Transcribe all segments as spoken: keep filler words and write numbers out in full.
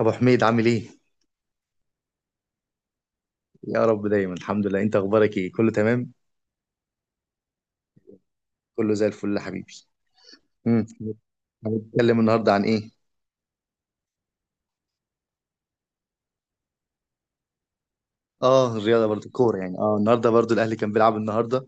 ابو حميد، عامل ايه؟ يا رب دايما. الحمد لله. انت اخبارك ايه؟ كله تمام؟ كله زي الفل يا حبيبي. امم هنتكلم النهارده عن ايه؟ اه، الرياضه برضو، الكوره. يعني اه النهارده برضو الاهلي كان بيلعب النهارده.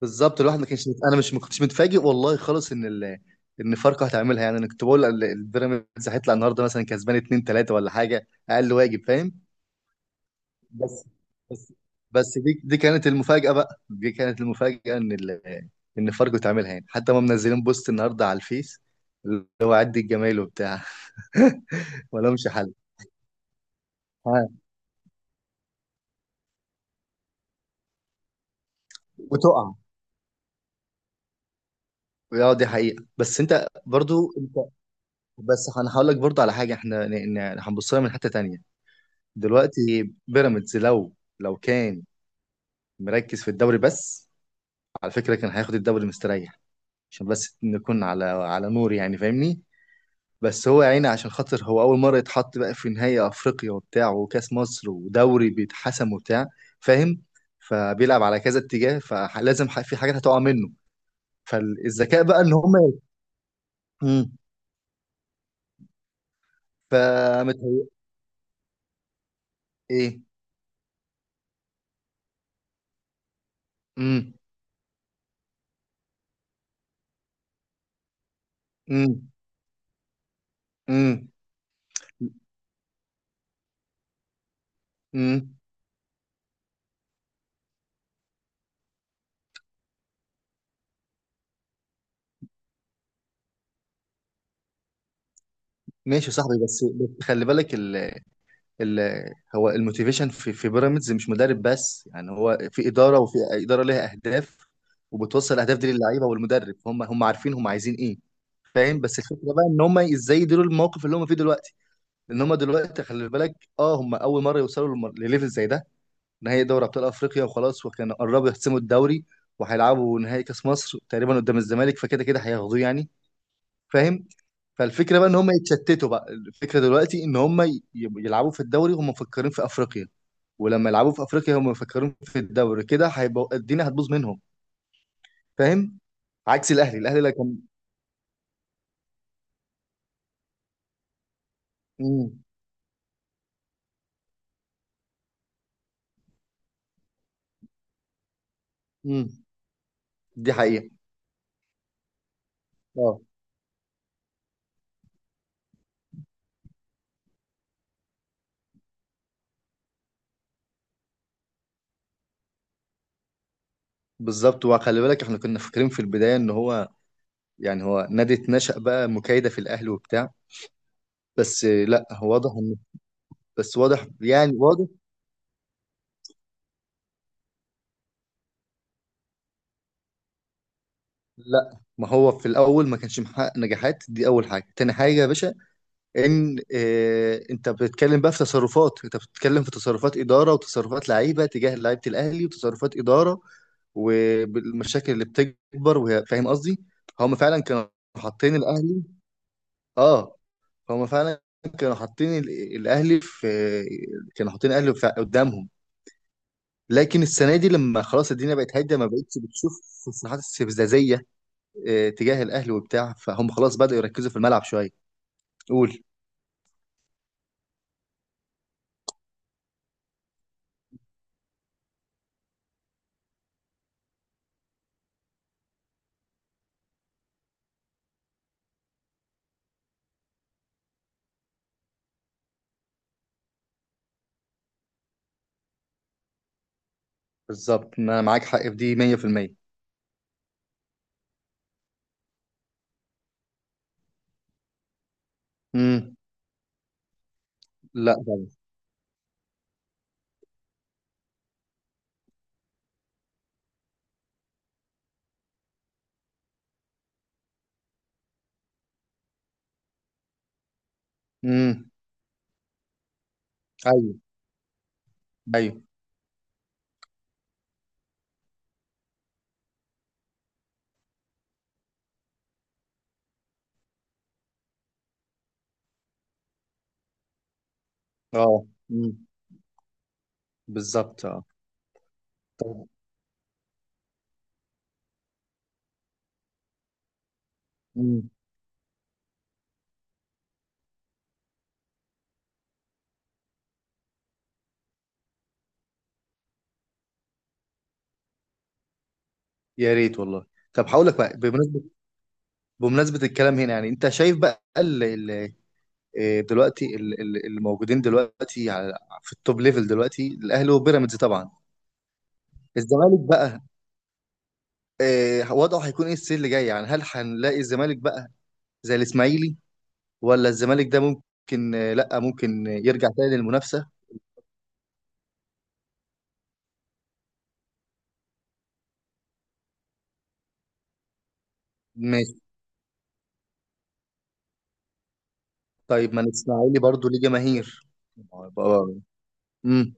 بالظبط. الواحد ما كانش مت- انا مش ما كنتش متفاجئ والله خالص ان ال... ان فاركو هتعملها. يعني انا كنت بقول ال- البيراميدز هيطلع النهارده مثلا كسبان اتنين تلاته ولا حاجه اقل. واجب. فاهم. بس بس بس دي دي كانت المفاجأة. بقى دي كانت المفاجأة ان ال... ان فاركو تعملها. يعني حتى ما منزلين بوست النهارده على الفيس اللي هو عد الجمايل وبتاع. ولا مش حل. ها، وتقع. اه، دي حقيقة. بس انت برضو انت، بس انا هقول لك برضو على حاجة، احنا ن- ن- هنبص لها من حتة تانية. دلوقتي بيراميدز لو، لو كان مركز في الدوري بس، على فكرة كان هياخد الدوري مستريح. عشان بس نكون على على نور، يعني فاهمني. بس هو يا عيني، عشان خاطر هو اول مره يتحط بقى في نهائي افريقيا وبتاع، وكاس مصر، ودوري بيتحسم وبتاع. فاهم. فبيلعب على كذا اتجاه، فلازم ح- في حاجات هتقع منه. فالذكاء بقى ان هم. امم فمتهيأ. ايه. امم امم امم امم ماشي يا صاحبي. بس بس خلي بالك، ال- هو الموتيفيشن في في بيراميدز مش مدرب بس، يعني هو في اداره، وفي اداره ليها اهداف، وبتوصل الاهداف دي للعيبه والمدرب. هم هم عارفين هم عايزين ايه. فاهم. بس الفكره بقى ان هم ازاي يديروا الموقف اللي هم فيه دلوقتي. لان هم دلوقتي خلي بالك، اه، هم اول مره يوصلوا لم- لليفل زي ده. نهائي دوري ابطال افريقيا وخلاص، وكانوا قربوا يحسموا الدوري، وهيلعبوا نهائي كاس مصر تقريبا قدام الزمالك. فكده كده هياخدوه يعني. فاهم. فالفكره بقى ان هم يتشتتوا بقى. الفكره دلوقتي ان هم ي- يلعبوا في الدوري هم مفكرين في افريقيا، ولما يلعبوا في افريقيا هم مفكرين في الدوري. كده هيبقى الدنيا هتبوظ منهم. فاهم. عكس الاهلي. الاهلي لا كان. امم امم دي حقيقه. اه، بالظبط. وخلي بالك احنا كنا فاكرين في البدايه ان هو، يعني هو نادي اتنشأ بقى مكايده في الاهلي وبتاع. بس لا، هو واضح ان، بس واضح يعني، واضح. لا، ما هو في الاول ما كانش محقق نجاحات. دي اول حاجه. تاني حاجه يا باشا، ان آه، انت بتتكلم بقى في تصرفات، انت بتتكلم في تصرفات اداره، وتصرفات لعيبه تجاه لعيبه الاهلي، وتصرفات اداره، والمشاكل اللي بتكبر وهي، فاهم قصدي. هم فعلا كانوا حاطين الاهلي. اه، هم فعلا كانوا حاطين ال- الاهلي في، كانوا حاطين الاهلي في- قدامهم. لكن السنه دي لما خلاص الدنيا بقت هاديه، ما بقتش بتشوف تصريحات استفزازيه آه، تجاه الاهلي وبتاع، فهم خلاص بداوا يركزوا في الملعب شويه. قول. بالظبط، ما انا معاك حق في دي مية في المية. امم لا طبعا. امم ايوه. ايوه. اه. امم بالظبط. اه. طب. امم يا ريت والله. طب، هقول لك بقى بمناسبه، بمناسبه الكلام هنا، يعني انت شايف بقى ال ال آه، دلوقتي ال- ال- اللي موجودين دلوقتي على، في التوب ليفل دلوقتي الاهلي وبيراميدز طبعا. الزمالك بقى آه، وضعه هيكون ايه السنه اللي جايه؟ يعني هل هنلاقي الزمالك بقى زي الاسماعيلي؟ ولا الزمالك ده ممكن، آه، لا، ممكن يرجع تاني للمنافسه؟ طيب، ما الاسماعيلي برضو ليه جماهير. بقى- امم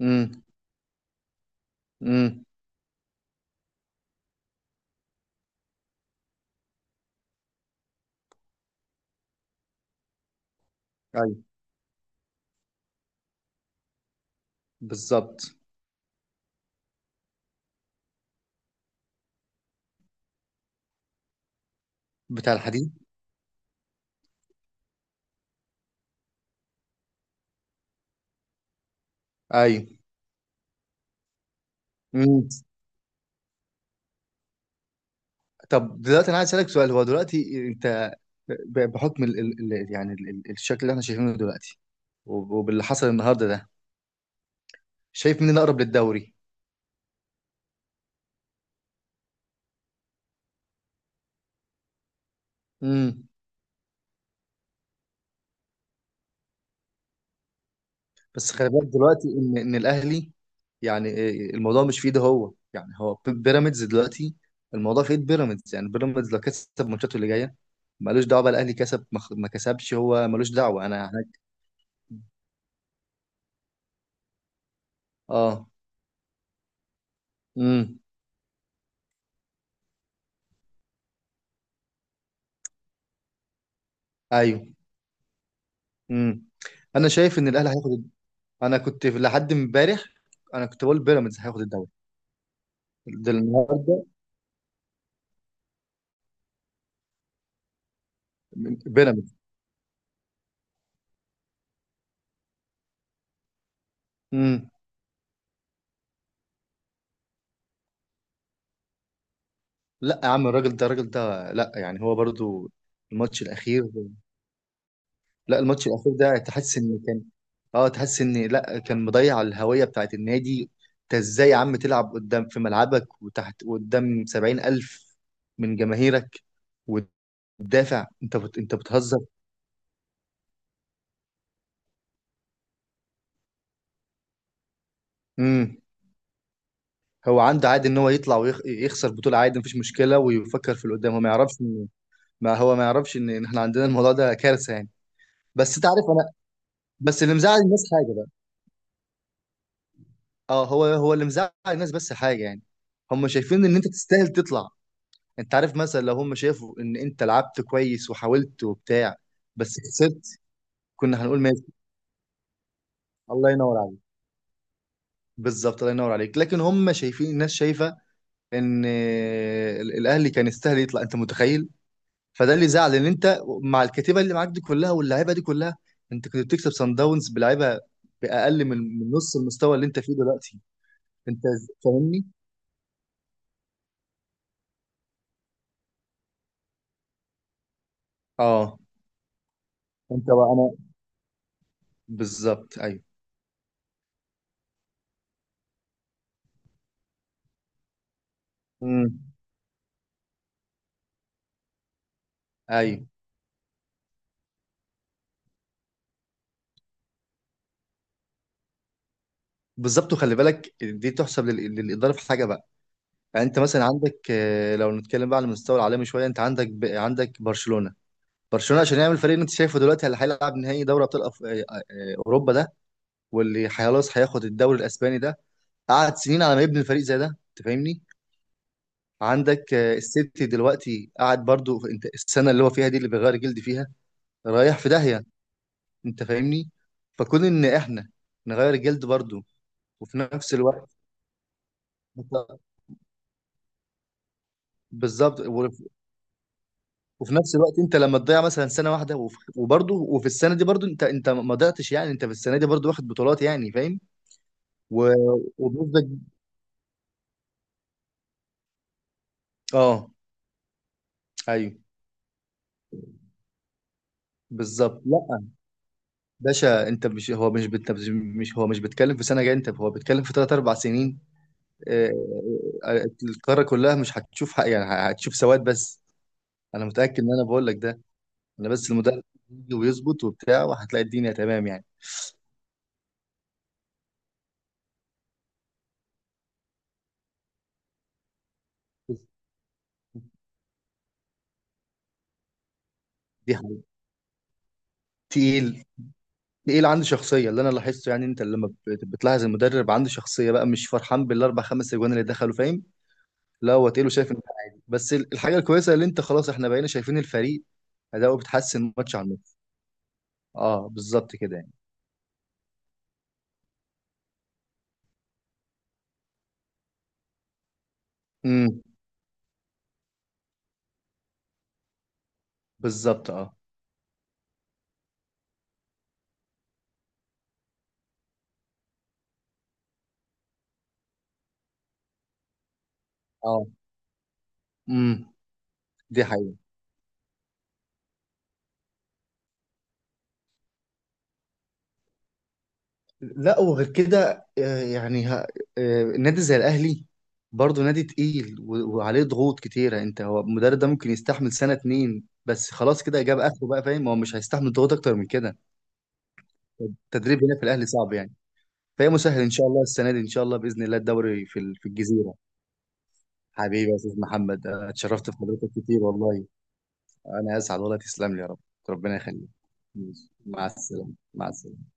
امم امم ايوه بالظبط. بتاع الحديد. ايوه. امم طب دلوقتي انا عايز اسالك سؤال. هو دلوقتي انت، ب- بحكم ال ال ال يعني ال ال الشكل اللي احنا شايفينه دلوقتي، وب- وباللي حصل النهارده ده، شايف مين الاقرب للدوري؟ امم بس خلي بالك دلوقتي ان ان الاهلي، يعني إيه، الموضوع مش في ايده هو. يعني هو بيراميدز دلوقتي، الموضوع في ايد بيراميدز. يعني بيراميدز لو كسب ماتشاته اللي جايه، مالوش دعوه بقى الاهلي كسب ما خ- ما كسبش، هو مالوش دعوه انا هناك. اه. امم ايوه. امم انا شايف ان الاهلي هياخد. انا كنت في- لحد امبارح انا كنت بقول بيراميدز هياخد الدوري. ده النهارده. بيراميدز. امم لا يا عم، الراجل ده، الراجل ده لا، يعني هو برضو. الماتش الاخير. لا، الماتش الاخير ده تحس ان كان، اه تحس ان لا، كان مضيع الهويه بتاعت النادي. انت ازاي يا عم تلعب قدام في ملعبك وتحت قدام سبعين الف من جماهيرك وتدافع؟ انت بت... انت بتهزر. امم هو عنده عادي ان هو يطلع ويخسر بطوله، عادي مفيش مشكله ويفكر في اللي قدام. هو ما يعرفش إن- ما هو ما يعرفش ان إن احنا عندنا الموضوع ده كارثه يعني. بس انت عارف انا. بس اللي مزعل الناس حاجه بقى. اه، هو هو اللي مزعل الناس بس حاجه، يعني هم شايفين ان انت تستاهل تطلع. انت عارف، مثلا، لو هم شافوا ان انت لعبت كويس وحاولت وبتاع بس خسرت، كنا هنقول ماشي، الله ينور عليك. بالظبط، الله ينور عليك. لكن هم شايفين الناس شايفه ان ال- الاهلي كان يستاهل يطلع. انت متخيل. فده اللي زعل، ان انت مع الكتيبه اللي معاك دي كلها، واللعيبه دي كلها، انت كنت بتكسب سان داونز بلعيبه باقل من من نص المستوى اللي انت فيه دلوقتي. انت ز- فاهمني. اه. انت بقى انا، بالظبط ايوه. امم ايوه، بالظبط. وخلي بالك دي تحسب لل- للاداره في حاجه بقى. يعني انت مثلا عندك آه، لو نتكلم بقى على المستوى العالمي شويه، انت عندك ب... عندك برشلونه. برشلونه عشان يعمل فريق اللي انت شايفه دلوقتي، اللي هيلعب نهائي دوري ابطال أف... آه، آه، آه، اوروبا ده، واللي خلاص هياخد الدوري الاسباني ده، قعد سنين على ما يبني الفريق زي ده. انت فاهمني. عندك آه، السيتي دلوقتي قاعد برضو في... انت السنه اللي هو فيها دي اللي بيغير جلد فيها، رايح في داهيه. انت فاهمني. فكون ان احنا نغير الجلد برضو. وفي نفس الوقت. بالظبط. وفي نفس الوقت انت لما تضيع مثلا سنه واحده، وف- وبرضه، وفي السنه دي برضه انت، انت ما ضيعتش، يعني انت في السنه دي برضه واخد بطولات، يعني فاهم. و... وبنسبه. اه. ايوه، بالظبط. لا باشا، انت مش، هو مش بت... مش هو مش بيتكلم في سنه جايه. انت، هو بيتكلم في ثلاث اربع سنين. آه، آه، آه، القاره كلها مش هتشوف حق، يعني هتشوف سواد بس. انا متاكد ان انا بقول لك ده. انا بس المدرب يجي ويظبط وبتاع، وهتلاقي الدنيا تمام يعني. دي حاجه تقيل. ايه اللي عنده شخصيه اللي انا لاحظته، يعني انت لما بت- بتلاحظ المدرب عنده شخصيه بقى، مش فرحان بالاربع خمس اجوان اللي دخلوا، فاهم. لا، هو تقيله، شايف ان ده عادي. بس ال- الحاجه الكويسه اللي انت، خلاص احنا بقينا شايفين الفريق اداؤه بيتحسن ماتش عن ماتش. اه بالظبط كده يعني. امم بالظبط اه. اه. امم دي حقيقه. لا، وغير كده، آه، يعني ها- آه، نادي زي الاهلي، برضه نادي تقيل و- وعليه ضغوط كتيره. انت، هو المدرب ده ممكن يستحمل سنه اتنين بس، خلاص كده جاب اخره بقى، فاهم. هو مش هيستحمل ضغوط اكتر من كده. التدريب هنا في الاهلي صعب يعني. فهي مسهل ان شاء الله السنه دي، ان شاء الله باذن الله الدوري في ال- في الجزيره. حبيبي يا استاذ محمد، أنا اتشرفت بحضرتك كتير والله. انا اسعد والله. تسلم لي يا رب. ربنا يخليك. مع السلامه، مع السلامه.